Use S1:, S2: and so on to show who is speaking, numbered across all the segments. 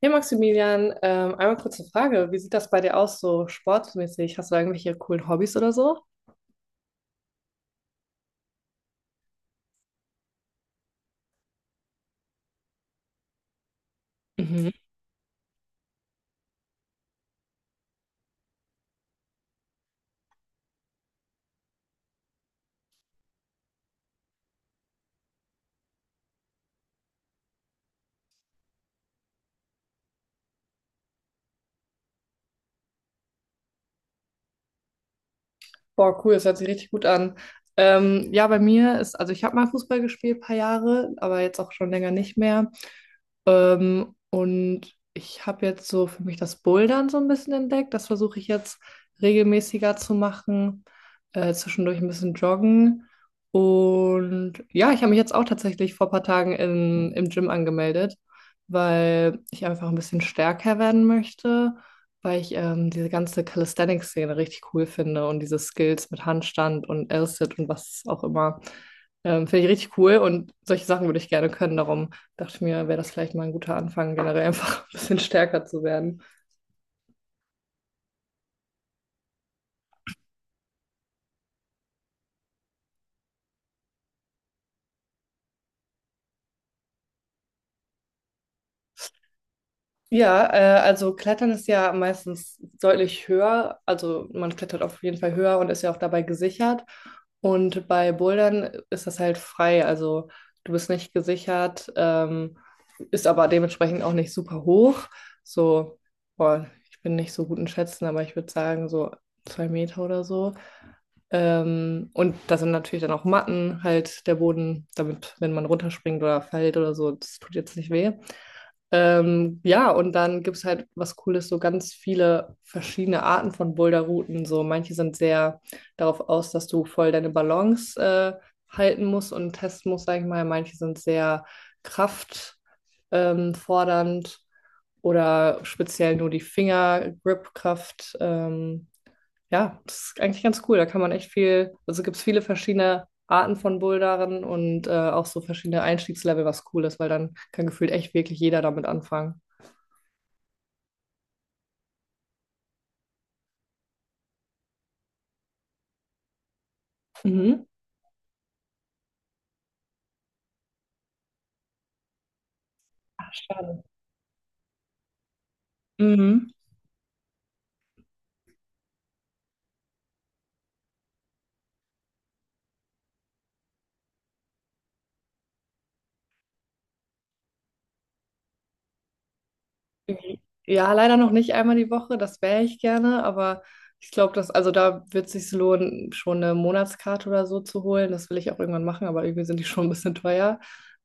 S1: Hey Maximilian, einmal kurze Frage. Wie sieht das bei dir aus, so sportmäßig? Hast du da irgendwelche coolen Hobbys oder so? Boah, cool, das hört sich richtig gut an. Ja, bei mir ist, also ich habe mal Fußball gespielt, ein paar Jahre, aber jetzt auch schon länger nicht mehr. Und ich habe jetzt so für mich das Bouldern so ein bisschen entdeckt. Das versuche ich jetzt regelmäßiger zu machen, zwischendurch ein bisschen joggen. Und ja, ich habe mich jetzt auch tatsächlich vor ein paar Tagen im Gym angemeldet, weil ich einfach ein bisschen stärker werden möchte, weil ich diese ganze Calisthenics-Szene richtig cool finde und diese Skills mit Handstand und L-Sit und was auch immer. Finde ich richtig cool und solche Sachen würde ich gerne können. Darum dachte ich mir, wäre das vielleicht mal ein guter Anfang, generell einfach ein bisschen stärker zu werden. Ja, also Klettern ist ja meistens deutlich höher. Also man klettert auf jeden Fall höher und ist ja auch dabei gesichert. Und bei Bouldern ist das halt frei. Also du bist nicht gesichert, ist aber dementsprechend auch nicht super hoch. So, boah, ich bin nicht so gut in Schätzen, aber ich würde sagen so 2 Meter oder so. Und da sind natürlich dann auch Matten, halt der Boden, damit, wenn man runterspringt oder fällt oder so, das tut jetzt nicht weh. Ja, und dann gibt es halt was Cooles, so ganz viele verschiedene Arten von Boulderrouten. So manche sind sehr darauf aus, dass du voll deine Balance halten musst und testen musst, sag ich mal. Manche sind sehr kraftfordernd fordernd oder speziell nur die Fingergripkraft, ja, das ist eigentlich ganz cool. Da kann man echt viel, also gibt es viele verschiedene Arten von Bouldern und auch so verschiedene Einstiegslevel, was cool ist, weil dann kann gefühlt echt wirklich jeder damit anfangen. Mhm. Ach, schade. Mhm. Ja, leider noch nicht einmal die Woche, das wäre ich gerne, aber ich glaube, dass, also da wird es sich lohnen, schon eine Monatskarte oder so zu holen. Das will ich auch irgendwann machen, aber irgendwie sind die schon ein bisschen teuer.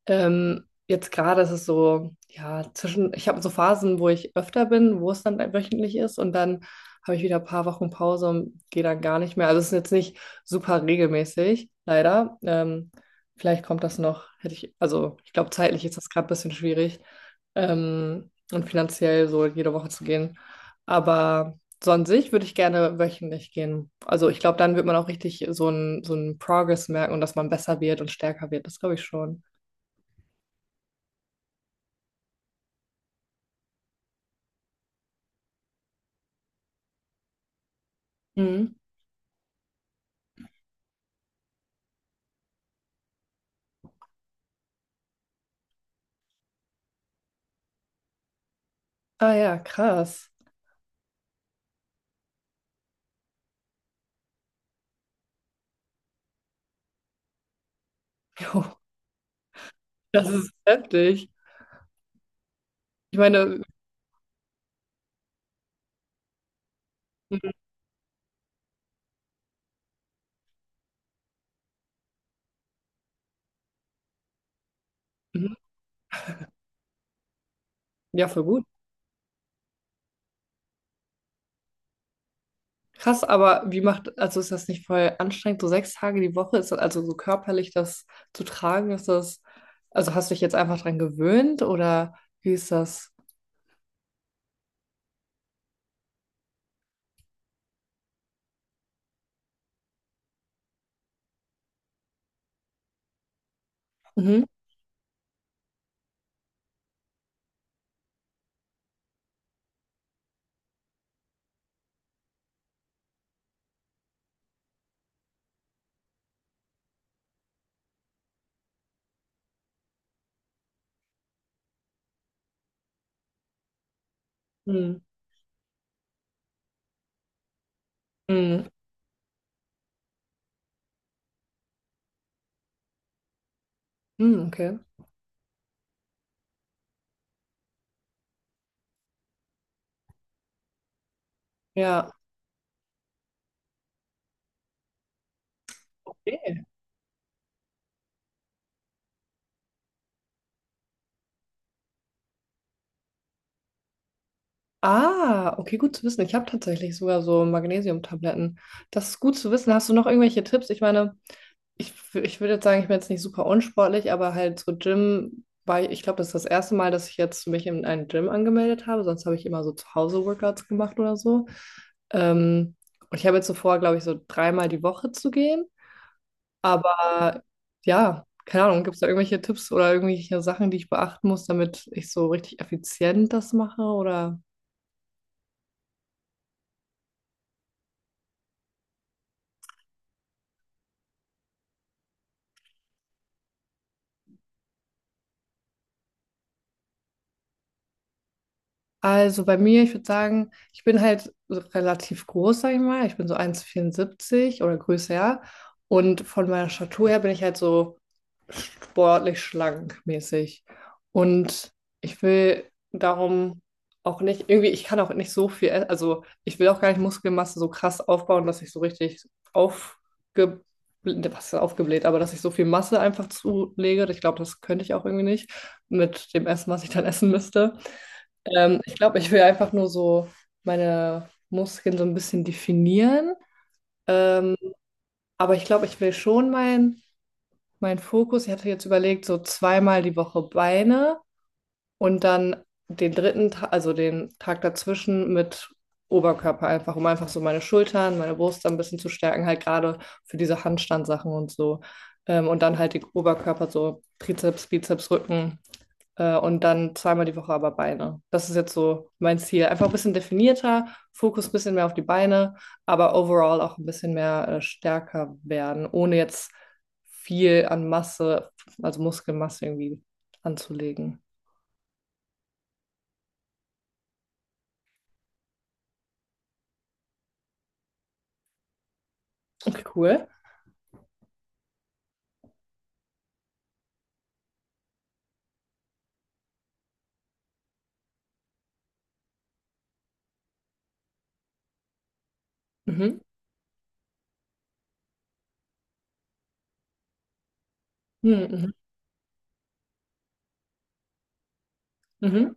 S1: Jetzt gerade ist es so, ja, zwischen, ich habe so Phasen, wo ich öfter bin, wo es dann wöchentlich ist und dann habe ich wieder ein paar Wochen Pause und gehe dann gar nicht mehr. Also es ist jetzt nicht super regelmäßig, leider. Vielleicht kommt das noch, hätte ich, also ich glaube, zeitlich ist das gerade ein bisschen schwierig, und finanziell so jede Woche zu gehen. Aber so an sich würde ich gerne wöchentlich gehen. Also ich glaube, dann wird man auch richtig so einen Progress merken und dass man besser wird und stärker wird. Das glaube ich schon. Mhm. Ah ja, krass. Jo, das ist heftig. Ich meine, mhm, ja, voll gut. Krass, aber wie macht, also ist das nicht voll anstrengend, so 6 Tage die Woche, ist das also so körperlich das zu tragen, ist das, also hast du dich jetzt einfach dran gewöhnt oder wie ist das? Mhm. Mhm. Mhm. Mhm, okay. Ja. Okay. Ah, okay, gut zu wissen. Ich habe tatsächlich sogar so Magnesiumtabletten. Das ist gut zu wissen. Hast du noch irgendwelche Tipps? Ich meine, ich würde jetzt sagen, ich bin jetzt nicht super unsportlich, aber halt so Gym war ich, ich glaube, das ist das erste Mal, dass ich jetzt mich in einen Gym angemeldet habe. Sonst habe ich immer so zu Hause Workouts gemacht oder so. Ähm, und ich habe jetzt so vor, glaube ich, so dreimal die Woche zu gehen. Aber ja, keine Ahnung, gibt es da irgendwelche Tipps oder irgendwelche Sachen, die ich beachten muss, damit ich so richtig effizient das mache oder? Also bei mir, ich würde sagen, ich bin halt so relativ groß, sag ich mal. Ich bin so 1,74 oder größer. Ja. Und von meiner Statur her bin ich halt so sportlich schlank mäßig. Und ich will darum auch nicht, irgendwie, ich kann auch nicht so viel, also ich will auch gar nicht Muskelmasse so krass aufbauen, dass ich so richtig aufge, was ist aufgebläht, aber dass ich so viel Masse einfach zulege. Ich glaube, das könnte ich auch irgendwie nicht mit dem Essen, was ich dann essen müsste. Ich glaube, ich will einfach nur so meine Muskeln so ein bisschen definieren. Ähm, aber ich glaube, ich will schon mein Fokus, ich hatte jetzt überlegt, so zweimal die Woche Beine und dann den dritten Tag, also den Tag dazwischen mit Oberkörper einfach, um einfach so meine Schultern, meine Brust ein bisschen zu stärken, halt gerade für diese Handstandsachen und so. Und dann halt den Oberkörper, so Trizeps, Bizeps, Rücken, und dann zweimal die Woche aber Beine. Das ist jetzt so mein Ziel. Einfach ein bisschen definierter, Fokus ein bisschen mehr auf die Beine, aber overall auch ein bisschen mehr, stärker werden, ohne jetzt viel an Masse, also Muskelmasse irgendwie anzulegen. Okay, cool. Mhm. Mhm, mhm, mhm.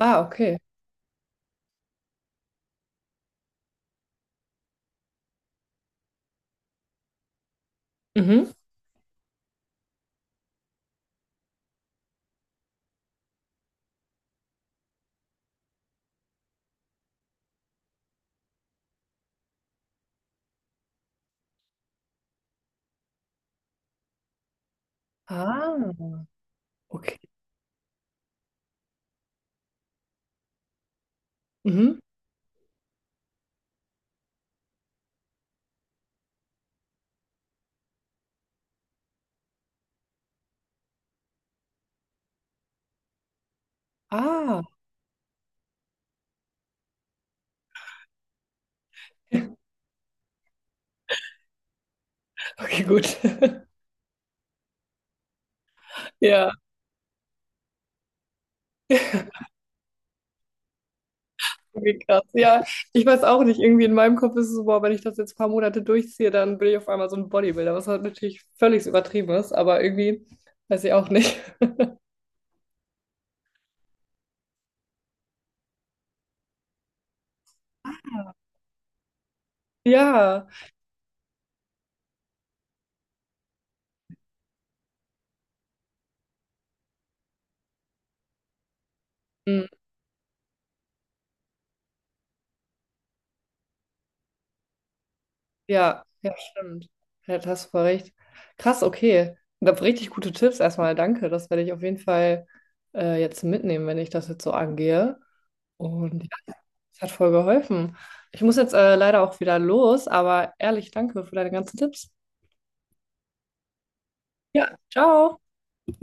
S1: Ah, okay. Mhm. Ah, okay. Mhm. Ah, okay, gut. Ja. Irgendwie krass. Ja, ich weiß auch nicht. Irgendwie in meinem Kopf ist es so, boah, wenn ich das jetzt ein paar Monate durchziehe, dann bin ich auf einmal so ein Bodybuilder, was halt natürlich völlig übertrieben ist, aber irgendwie weiß ich auch nicht. Ja. Hm, ja, ja, stimmt. Ja, da hast du voll recht. Krass, okay. Und da richtig gute Tipps erstmal. Danke. Das werde ich auf jeden Fall, jetzt mitnehmen, wenn ich das jetzt so angehe. Und ja, das hat voll geholfen. Ich muss jetzt, leider auch wieder los, aber ehrlich, danke für deine ganzen Tipps. Ja, ciao.